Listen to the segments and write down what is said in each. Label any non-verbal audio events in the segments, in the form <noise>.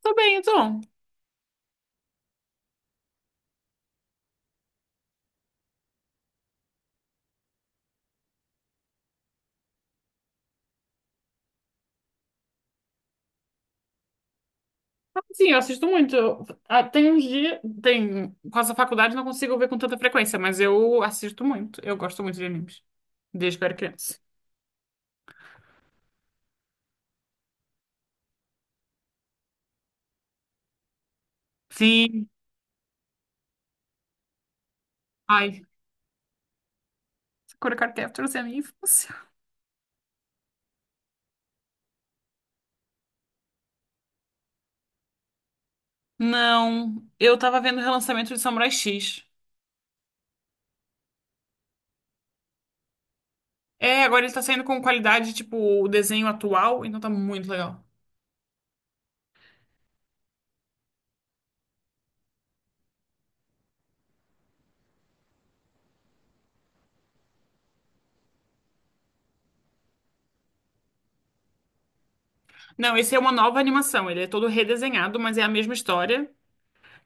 Tô bem, então. Sim, eu assisto muito. Tem uns dias, tem, com essa faculdade não consigo ver com tanta frequência, mas eu assisto muito. Eu gosto muito de animes, desde que eu era criança. Sim, ai, Sakura Card Captors é a minha infância. Não, eu tava vendo o relançamento de Samurai X. É, agora ele tá saindo com qualidade, tipo, o desenho atual, então tá muito legal. Não, esse é uma nova animação, ele é todo redesenhado, mas é a mesma história.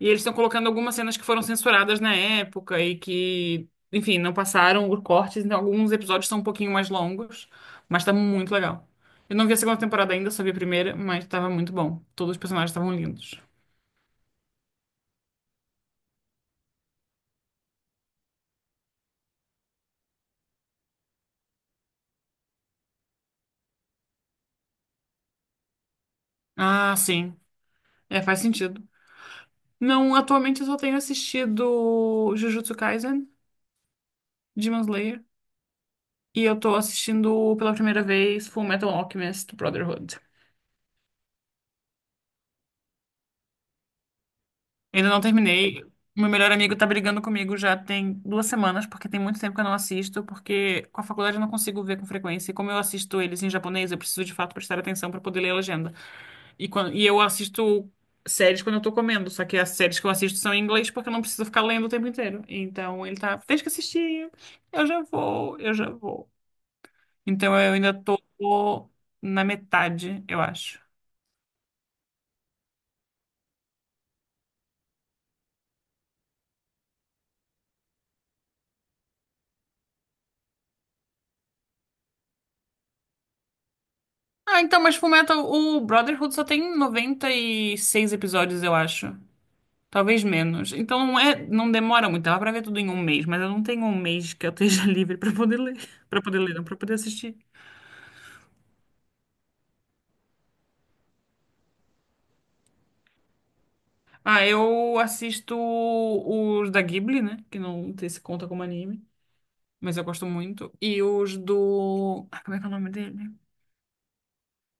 E eles estão colocando algumas cenas que foram censuradas na época e que, enfim, não passaram por cortes, então alguns episódios são um pouquinho mais longos, mas tá muito legal. Eu não vi a segunda temporada ainda, só vi a primeira, mas tava muito bom. Todos os personagens estavam lindos. Ah, sim. É, faz sentido. Não, atualmente eu só tenho assistido Jujutsu Kaisen, Demon Slayer, e eu tô assistindo pela primeira vez Fullmetal Alchemist Brotherhood. Ainda não terminei. Meu melhor amigo tá brigando comigo já tem 2 semanas, porque tem muito tempo que eu não assisto, porque com a faculdade eu não consigo ver com frequência. E como eu assisto eles em japonês, eu preciso de fato prestar atenção pra poder ler a legenda. E, quando, e eu assisto séries quando eu tô comendo, só que as séries que eu assisto são em inglês porque eu não preciso ficar lendo o tempo inteiro. Então ele tá, deixa que assistir, eu já vou, eu já vou. Então eu ainda tô na metade, eu acho. Ah, então, mas Fullmetal, o Brotherhood só tem 96 episódios, eu acho. Talvez menos. Então não é, não demora muito. Dá pra ver tudo em 1 mês, mas eu não tenho 1 mês que eu esteja <laughs> livre pra poder ler. Pra poder ler, não, para poder assistir. Ah, eu assisto os da Ghibli, né? Que não sei se conta como anime, mas eu gosto muito. E os do. Ah, como é que é o nome dele?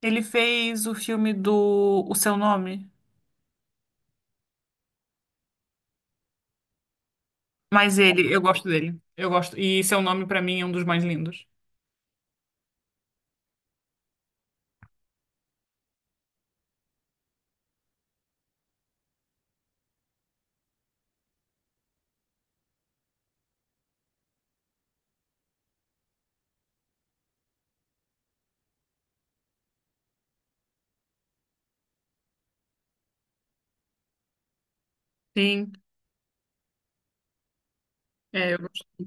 Ele fez o filme do O Seu Nome. Mas ele, eu gosto dele. Eu gosto. E Seu Nome, pra mim, é um dos mais lindos. Sim, é, eu gosto.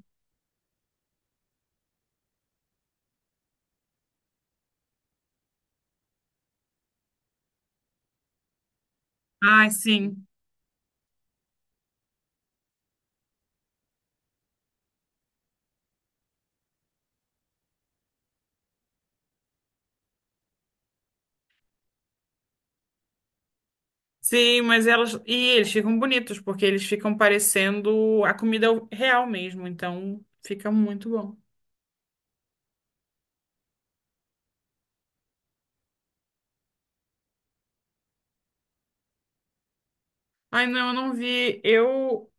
Ai, sim. Sim, mas elas. E eles ficam bonitos, porque eles ficam parecendo a comida real mesmo. Então fica muito bom. Ai, não, eu não vi. Eu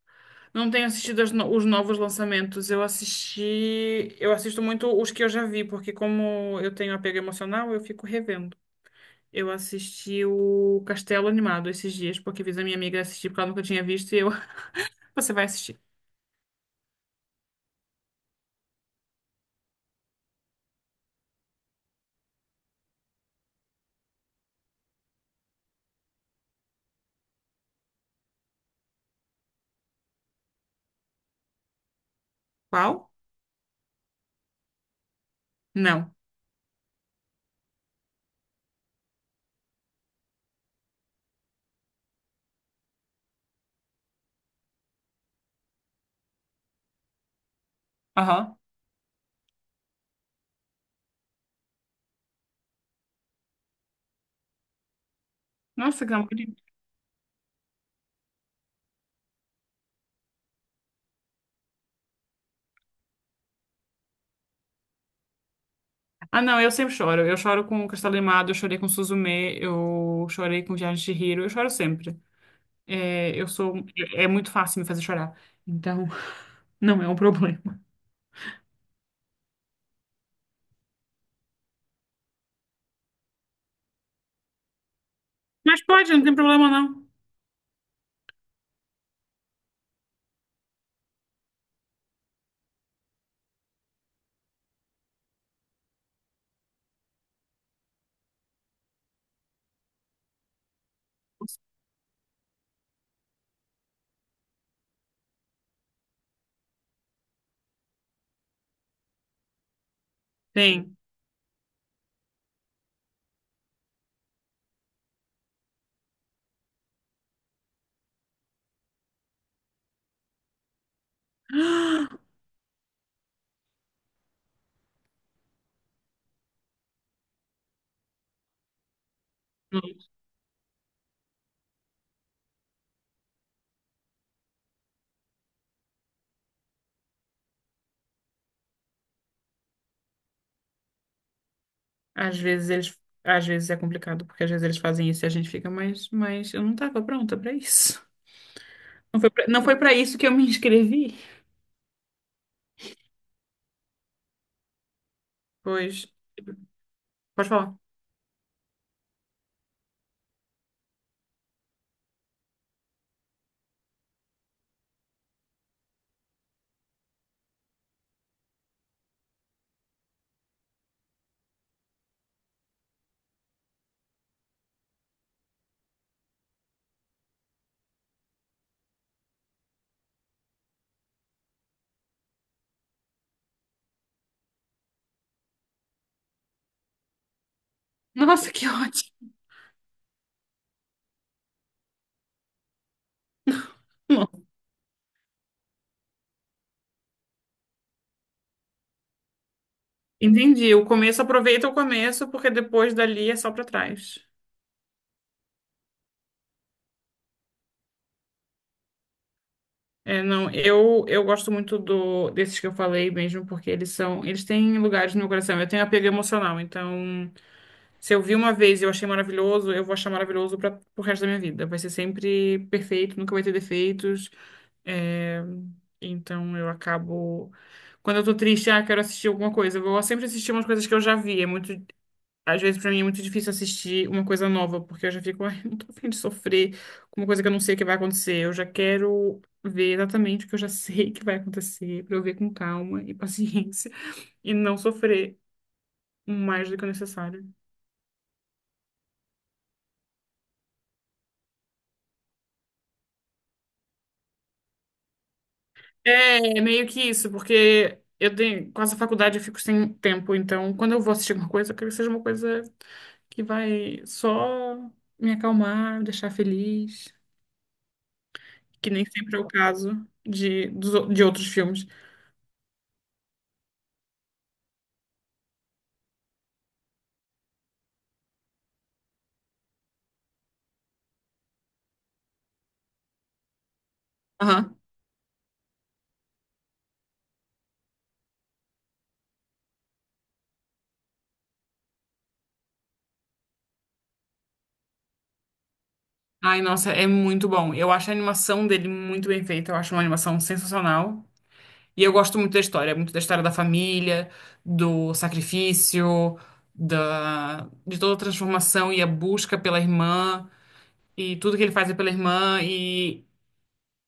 não tenho assistido as os novos lançamentos. Eu assisti. Eu assisto muito os que eu já vi, porque como eu tenho apego emocional, eu fico revendo. Eu assisti o Castelo Animado esses dias, porque fiz a minha amiga assistir, porque ela nunca tinha visto, e eu. <laughs> Você vai assistir. Qual? Não. Aham. Nossa, que não. Ah, não, eu sempre choro. Eu choro com Castelo Animado, eu chorei com Suzume, eu chorei com Viagem de Chihiro, eu choro sempre. É, eu sou, é muito fácil me fazer chorar. Então, <laughs> não é um problema. Mas pode, não tem problema não. Tem. <gasps> Às vezes eles, às vezes é complicado, porque às vezes eles fazem isso e a gente fica, mas eu não tava pronta pra isso. Não foi pra, não foi para isso que eu me inscrevi. Pois, pode falar. Nossa, que ótimo. Entendi. O começo, aproveita o começo, porque depois dali é só para trás. É, não, eu gosto muito do desses que eu falei mesmo, porque eles são, eles têm lugares no meu coração. Eu tenho apego emocional, então se eu vi uma vez e eu achei maravilhoso, eu vou achar maravilhoso para o resto da minha vida. Vai ser sempre perfeito, nunca vai ter defeitos. É, então eu acabo quando eu tô triste, ah, quero assistir alguma coisa. Eu vou sempre assistir umas coisas que eu já vi. É muito. Às vezes, pra mim, é muito difícil assistir uma coisa nova, porque eu já fico, ai, <laughs> não tô a fim de sofrer com uma coisa que eu não sei o que vai acontecer. Eu já quero ver exatamente o que eu já sei que vai acontecer, pra eu ver com calma e <laughs> paciência e não sofrer mais do que o necessário. É, meio que isso, porque eu tenho, quase a faculdade eu fico sem tempo, então quando eu vou assistir alguma coisa, eu quero que seja uma coisa que vai só me acalmar, me deixar feliz, que nem sempre é o caso de outros filmes. Aham. Ai, nossa, é muito bom. Eu acho a animação dele muito bem feita. Eu acho uma animação sensacional. E eu gosto muito da história da família, do sacrifício, da... de toda a transformação e a busca pela irmã, e tudo que ele faz é pela irmã, e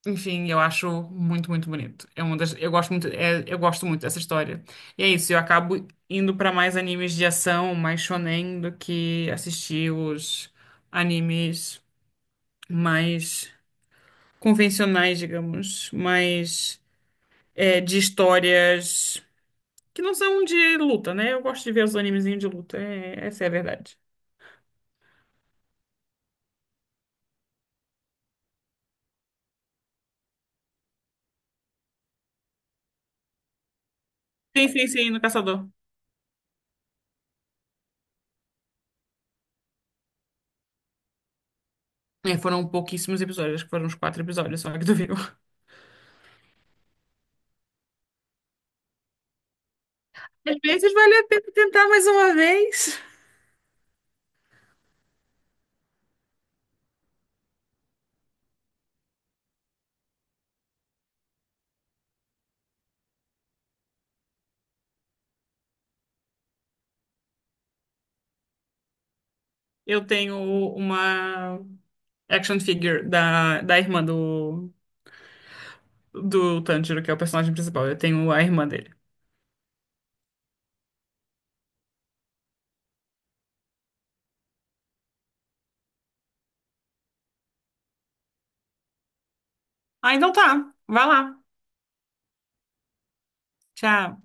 enfim, eu acho muito, muito bonito. É uma das... Eu gosto muito, eu gosto muito dessa história. E é isso, eu acabo indo pra mais animes de ação, mais shonen, do que assistir os animes mais convencionais, digamos, mas é, de histórias que não são de luta, né? Eu gosto de ver os animezinhos de luta, essa é a verdade. Sim, no Caçador. É, foram pouquíssimos episódios, acho que foram uns 4 episódios só que tu viu. <laughs> Às vezes vale a pena tentar mais uma vez. Eu tenho uma action figure da, da irmã do, do Tanjiro, que é o personagem principal. Eu tenho a irmã dele. Ah, então tá. Vai lá. Tchau.